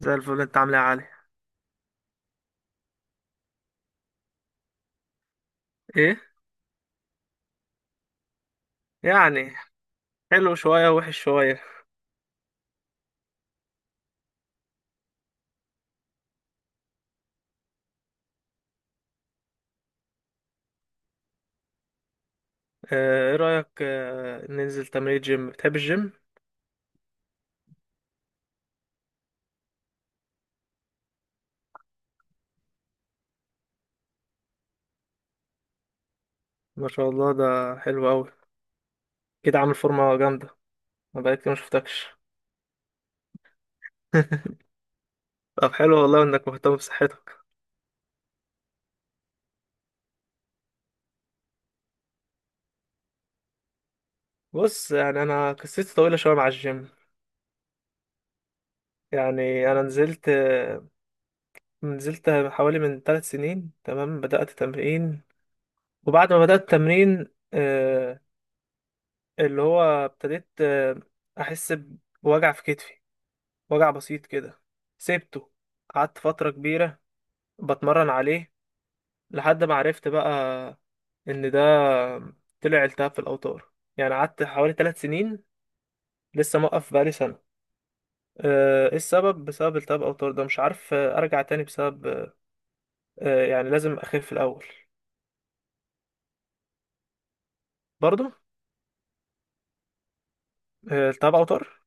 زي الفل، انت عامل ايه يا علي؟ ايه؟ يعني حلو شوية وحش شوية. اه، ايه رأيك، ننزل تمرين جيم؟ بتحب الجيم؟ ما شاء الله، ده حلو قوي. كده عامل فورمة جامدة. انا بقالي كتير ما شفتكش. طب حلو والله انك مهتم بصحتك. بص، يعني انا قصتي طويلة شوية مع الجيم. يعني انا نزلت حوالي من 3 سنين تمام، بدأت تمرين. وبعد ما بدأت تمرين، اه، اللي هو ابتديت، احس بوجع في كتفي، وجع بسيط كده. سبته، قعدت فترة كبيرة بتمرن عليه لحد ما عرفت بقى ان ده طلع التهاب في الاوتار. يعني قعدت حوالي 3 سنين، لسه موقف بقالي سنة. ايه السبب؟ بسبب التهاب اوتار ده. مش عارف ارجع تاني بسبب يعني لازم اخف الاول. برضو التهاب اوتار.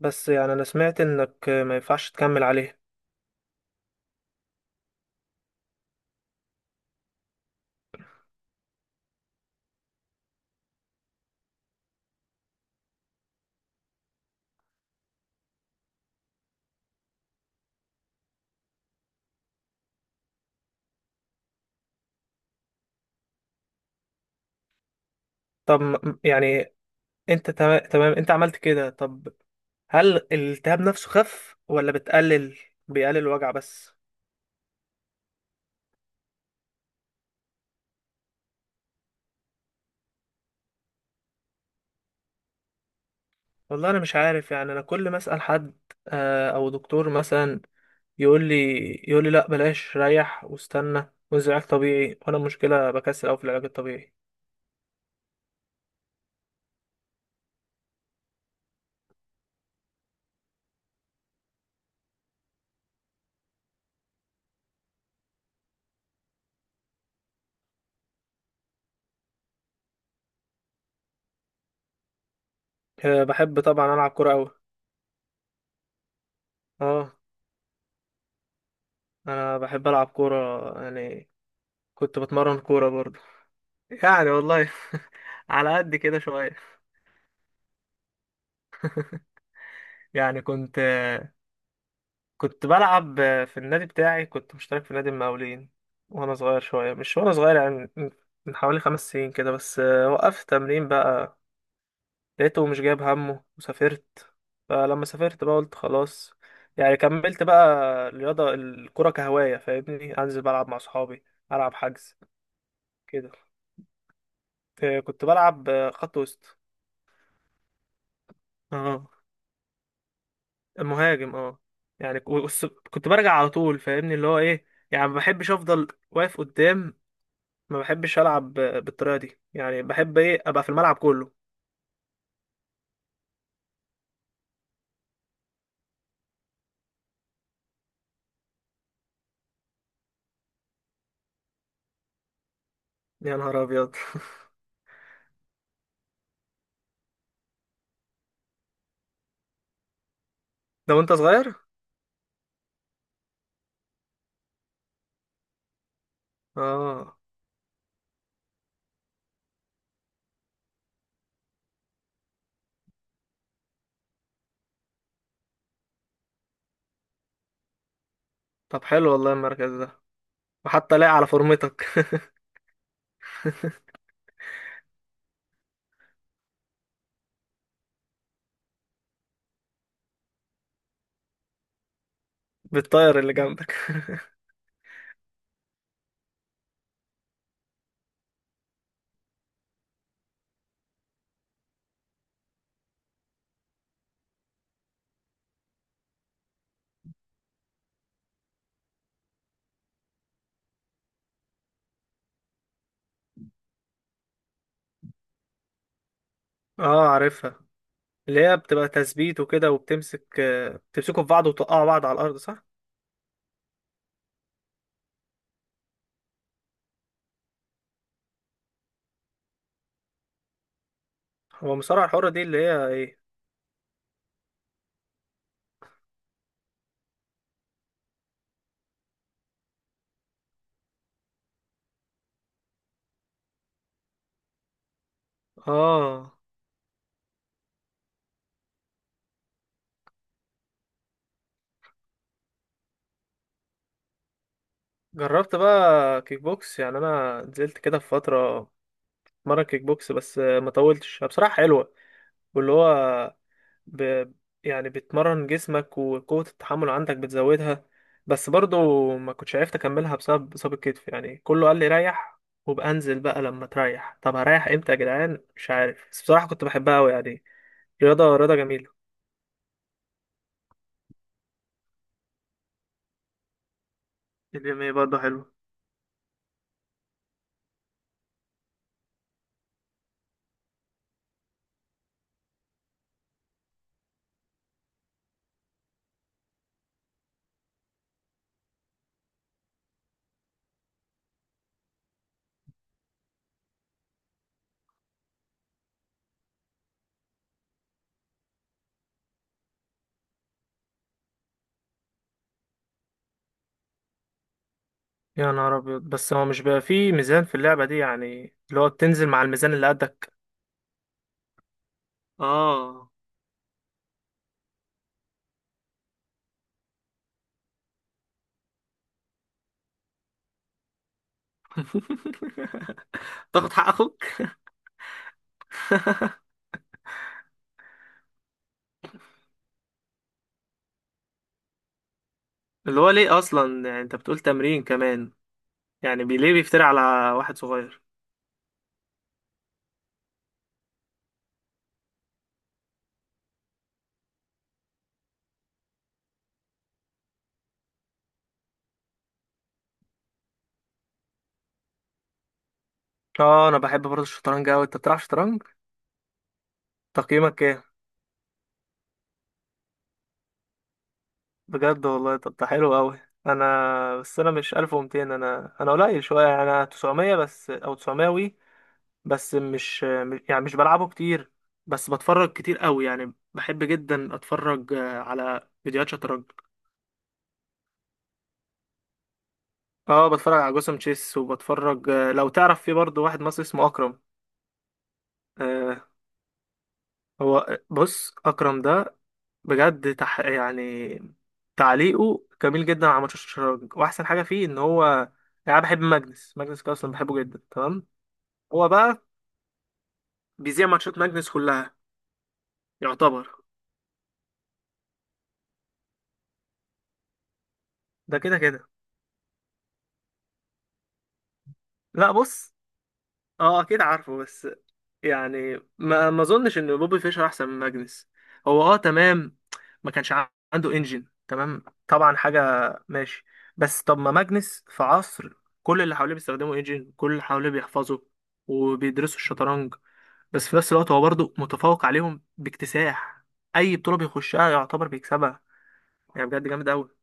بس يعني انا سمعت انك ما ينفعش تكمل عليه. طب يعني انت تمام تمام انت عملت كده؟ طب هل الالتهاب نفسه خف ولا بتقلل؟ بيقلل الوجع بس؟ والله انا مش عارف. يعني انا كل ما اسال حد او دكتور مثلا، يقول لي يقول لي لا بلاش، ريح واستنى وانزل علاج طبيعي، وانا المشكله بكسل قوي في العلاج الطبيعي. بحب طبعا العب كوره قوي. اه، انا بحب العب كوره يعني. كنت بتمرن كوره برضه. يعني والله على قد كده شويه. يعني كنت بلعب في النادي بتاعي، كنت مشترك في نادي المقاولين وانا صغير شويه. مش وانا صغير، يعني من حوالي 5 سنين كده، بس وقفت تمرين بقى. لقيته مش جايب همه وسافرت. فلما سافرت بقى قلت خلاص، يعني كملت بقى الرياضه، الكره كهوايه. فاهمني، انزل بلعب مع صحابي. العب حجز كده. كنت بلعب خط وسط. اه، مهاجم اه. يعني كنت برجع على طول. فاهمني اللي هو ايه؟ يعني ما بحبش افضل واقف قدام، ما بحبش العب بالطريقه دي. يعني بحب ايه؟ ابقى في الملعب كله. يا نهار ابيض! ده وانت صغير. اه. طب حلو والله المركز ده، وحتى لاقي على فورمتك. بالطاير اللي جنبك. اه، عارفها. اللي هي بتبقى تثبيت وكده، وبتمسك آه، بتمسكوا في بعض وتوقعوا بعض على الارض، صح؟ هو المصارعه الحره دي اللي هي ايه؟ اه، جربت بقى كيك بوكس. يعني انا نزلت كده في فتره مرة كيك بوكس، بس ما طولتش بصراحه. حلوه، واللي هو ب... يعني بتمرن جسمك وقوة التحمل عندك بتزودها. بس برضو ما كنتش عرفت اكملها بسبب اصابة كتف. يعني كله قال لي ريح وبقى انزل بقى لما تريح. طب هريح امتى يا جدعان؟ مش عارف. بس بصراحة كنت بحبها قوي، يعني رياضة رياضة جميلة. الام اي برضه حلوة. يا نهار ابيض! بس هو مش بقى فيه ميزان في اللعبة دي؟ يعني اللي هو بتنزل مع الميزان اللي قدك. اه. تاخد حق اخوك. اللي هو ليه اصلا؟ يعني انت بتقول تمرين كمان، يعني بيليه بيفتري على واحد صغير. اه، انا بحب برضه الشطرنج اوي. انت بتلعب شطرنج؟ تقييمك ايه؟ بجد والله؟ طب ده حلو اوي. انا بس انا مش 1200، انا قليل شويه. انا 900 بس، او 900 وي. بس يعني مش بلعبه كتير، بس بتفرج كتير اوي. يعني بحب جدا اتفرج على فيديوهات شطرنج. اه، بتفرج على جوسم تشيس. وبتفرج لو تعرف، في برضه واحد مصري اسمه اكرم. آه، هو بص، اكرم ده بجد يعني تعليقه جميل جدا على ماتش الشراج، واحسن حاجه فيه ان هو يعني، أنا بحب ماجنس. ماجنس كده اصلا بحبه جدا، تمام. هو بقى بيذيع ماتشات ماجنس كلها، يعتبر. ده كده كده. لا بص، اه اكيد عارفه، بس يعني ما اظنش ان بوبي فيشر احسن من ماجنس. هو اه تمام، ما كانش عنده انجن، تمام طبعا حاجه. ماشي. بس طب ما ماجنس في عصر كل اللي حواليه بيستخدموا انجن، كل اللي حواليه بيحفظوا وبيدرسوا الشطرنج. بس في نفس الوقت هو برضه متفوق عليهم باكتساح، اي بطوله بيخشها يعتبر بيكسبها. يعني بجد جامد قوي.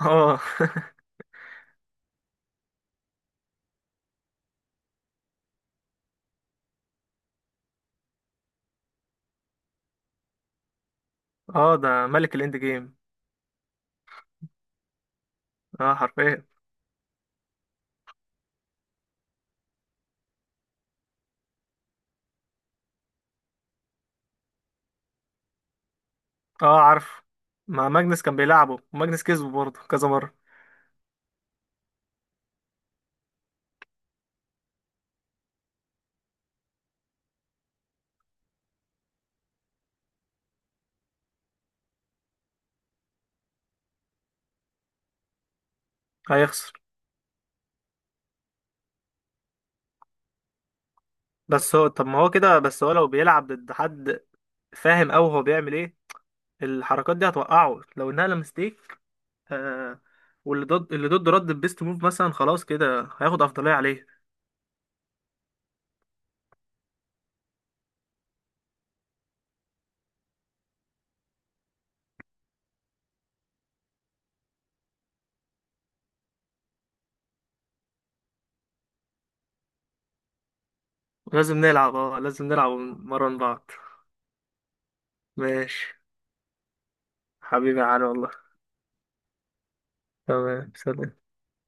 اه. اه ده ملك الاند جيم. اه حرفيا. اه عارف، ما ماجنس كان بيلعبه وماجنس كسبه برضه كذا مره. هيخسر. بس هو، طب ما هو كده. بس هو لو بيلعب ضد حد، فاهم أوي هو بيعمل ايه. الحركات دي هتوقعه لو انها مستيك. آه، واللي ضد اللي ضده رد بيست موف مثلا، خلاص كده هياخد أفضلية عليه. لازم نلعب، اه لازم نلعب ونمرن بعض. ماشي. حبيبي يا علي والله. تمام، سلام.